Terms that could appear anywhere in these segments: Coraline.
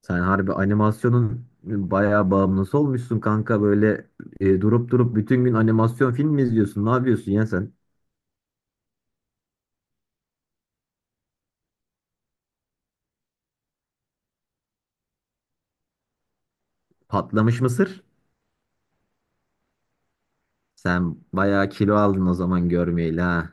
Sen harbi animasyonun bayağı bağımlısı olmuşsun kanka. Böyle durup durup bütün gün animasyon film mi izliyorsun? Ne yapıyorsun ya sen? Patlamış mısır? Sen bayağı kilo aldın o zaman görmeyeli ha.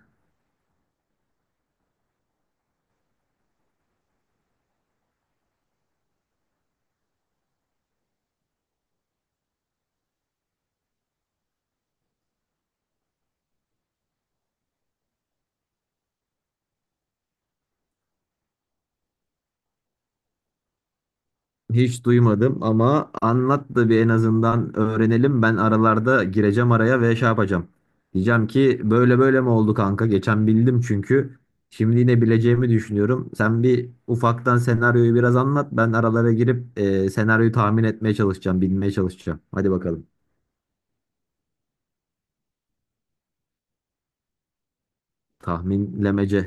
Hiç duymadım ama anlat da bir en azından öğrenelim. Ben aralarda gireceğim araya ve şey yapacağım. Diyeceğim ki böyle böyle mi oldu kanka? Geçen bildim çünkü. Şimdi yine bileceğimi düşünüyorum. Sen bir ufaktan senaryoyu biraz anlat. Ben aralara girip senaryoyu tahmin etmeye çalışacağım, bilmeye çalışacağım. Hadi bakalım. Tahminlemece.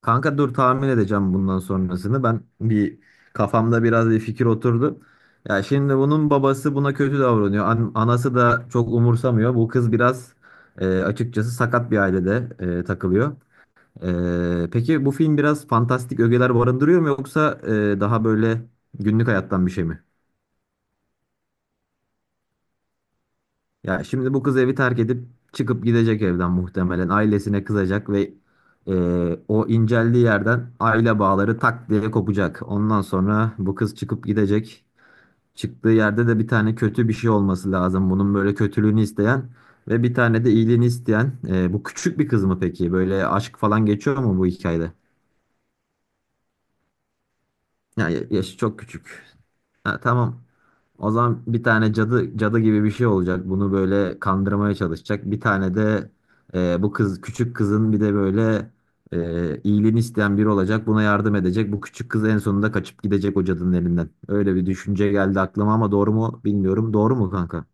Kanka dur tahmin edeceğim bundan sonrasını. Ben bir kafamda biraz bir fikir oturdu. Ya şimdi bunun babası buna kötü davranıyor. Anası da çok umursamıyor. Bu kız biraz açıkçası sakat bir ailede takılıyor. Peki bu film biraz fantastik ögeler barındırıyor mu yoksa daha böyle günlük hayattan bir şey mi? Ya şimdi bu kız evi terk edip çıkıp gidecek evden muhtemelen. Ailesine kızacak ve e, o inceldiği yerden aile bağları tak diye kopacak. Ondan sonra bu kız çıkıp gidecek. Çıktığı yerde de bir tane kötü bir şey olması lazım. Bunun böyle kötülüğünü isteyen ve bir tane de iyiliğini isteyen. Bu küçük bir kız mı peki? Böyle aşk falan geçiyor mu bu hikayede? Yaşı çok küçük. Ha, tamam. O zaman bir tane cadı cadı gibi bir şey olacak. Bunu böyle kandırmaya çalışacak. Bir tane de bu kız küçük kızın bir de böyle iyiliğini isteyen biri olacak. Buna yardım edecek. Bu küçük kız en sonunda kaçıp gidecek o cadının elinden. Öyle bir düşünce geldi aklıma ama doğru mu bilmiyorum. Doğru mu kanka?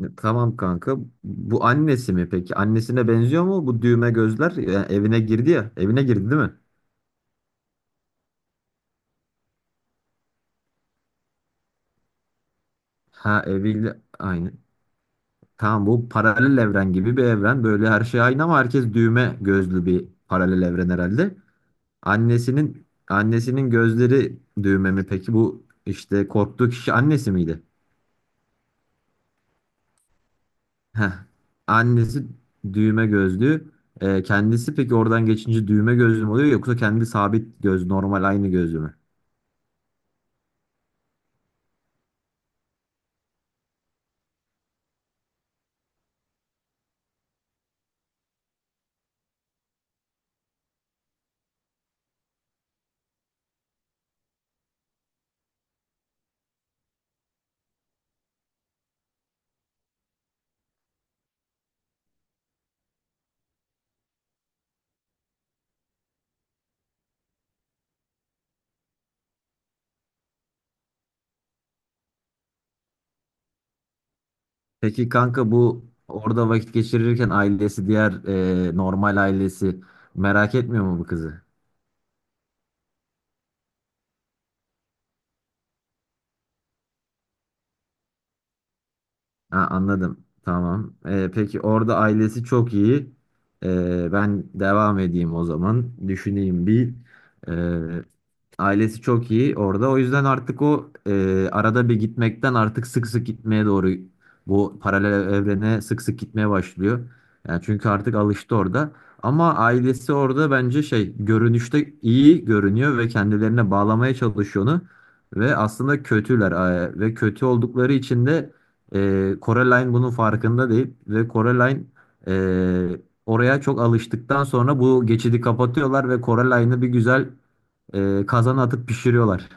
Tamam kanka. Bu annesi mi peki? Annesine benziyor mu bu düğme gözler? Evine girdi ya. Evine girdi değil mi? Ha, eviyle aynı. Tamam, bu paralel evren gibi bir evren. Böyle her şey aynı ama herkes düğme gözlü bir paralel evren herhalde. Annesinin gözleri düğme mi peki? Bu işte korktuğu kişi annesi miydi? Heh. Annesi düğme gözlü. Kendisi peki oradan geçince düğme gözlü mü oluyor yoksa kendi sabit göz normal aynı gözlü mü? Peki kanka bu orada vakit geçirirken ailesi diğer normal ailesi merak etmiyor mu bu kızı? Ha, anladım. Tamam. Peki orada ailesi çok iyi. Ben devam edeyim o zaman. Düşüneyim bir. Ee, Ailesi çok iyi orada. O yüzden artık o arada bir gitmekten artık sık sık gitmeye doğru bu paralel evrene sık sık gitmeye başlıyor. Yani çünkü artık alıştı orada. Ama ailesi orada bence şey görünüşte iyi görünüyor ve kendilerine bağlamaya çalışıyor onu. Ve aslında kötüler ve kötü oldukları için de Coraline bunun farkında değil. Ve Coraline e, oraya çok alıştıktan sonra bu geçidi kapatıyorlar ve Coraline'ı bir güzel kazana atıp pişiriyorlar.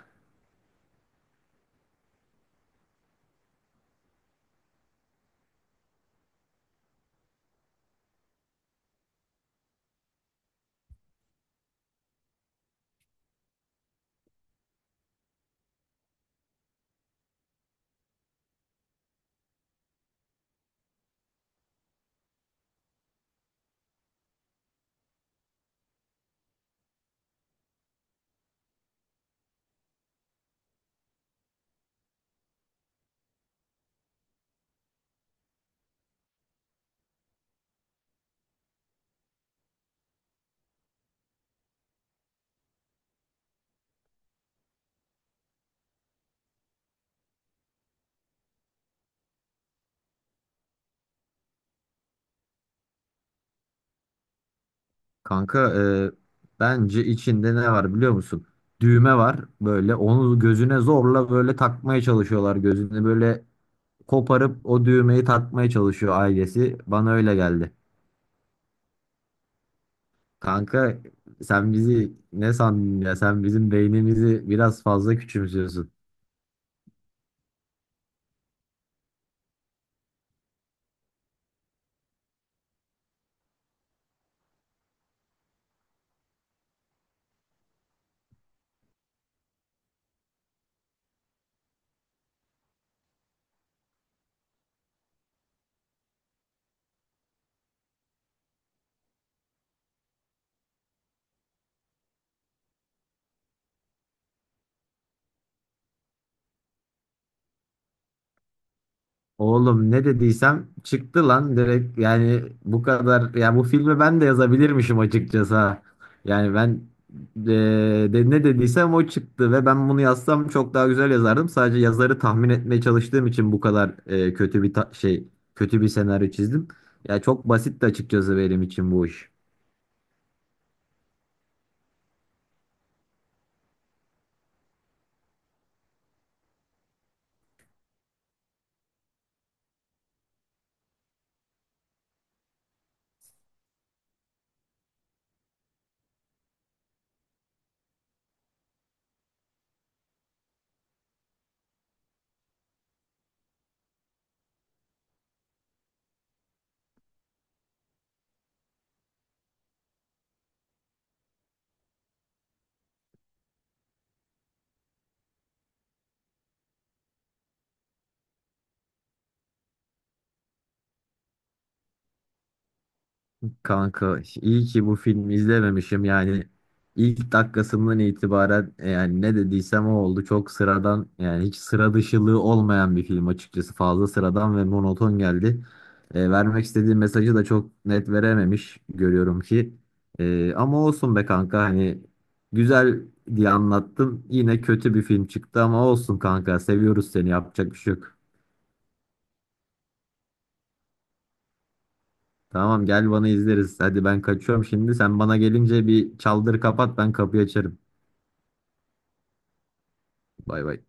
Kanka e, bence içinde ne var biliyor musun? Düğme var, böyle onu gözüne zorla böyle takmaya çalışıyorlar. Gözünü böyle koparıp o düğmeyi takmaya çalışıyor ailesi. Bana öyle geldi. Kanka sen bizi ne sandın ya? Sen bizim beynimizi biraz fazla küçümsüyorsun. Oğlum ne dediysem çıktı lan direkt, yani bu kadar ya, bu filmi ben de yazabilirmişim açıkçası ha. Yani ben ne dediysem o çıktı ve ben bunu yazsam çok daha güzel yazardım. Sadece yazarı tahmin etmeye çalıştığım için bu kadar kötü bir senaryo çizdim. Ya çok basitti açıkçası benim için bu iş. Kanka iyi ki bu filmi izlememişim. Yani ilk dakikasından itibaren, yani ne dediysem o oldu, çok sıradan, yani hiç sıra dışılığı olmayan bir film. Açıkçası fazla sıradan ve monoton geldi. Vermek istediği mesajı da çok net verememiş, görüyorum ki. Ama olsun be kanka, hani güzel diye anlattım, yine kötü bir film çıktı ama olsun kanka, seviyoruz seni, yapacak bir şey yok. Tamam, gel bana, izleriz. Hadi ben kaçıyorum şimdi. Sen bana gelince bir çaldır kapat, ben kapıyı açarım. Bay bay.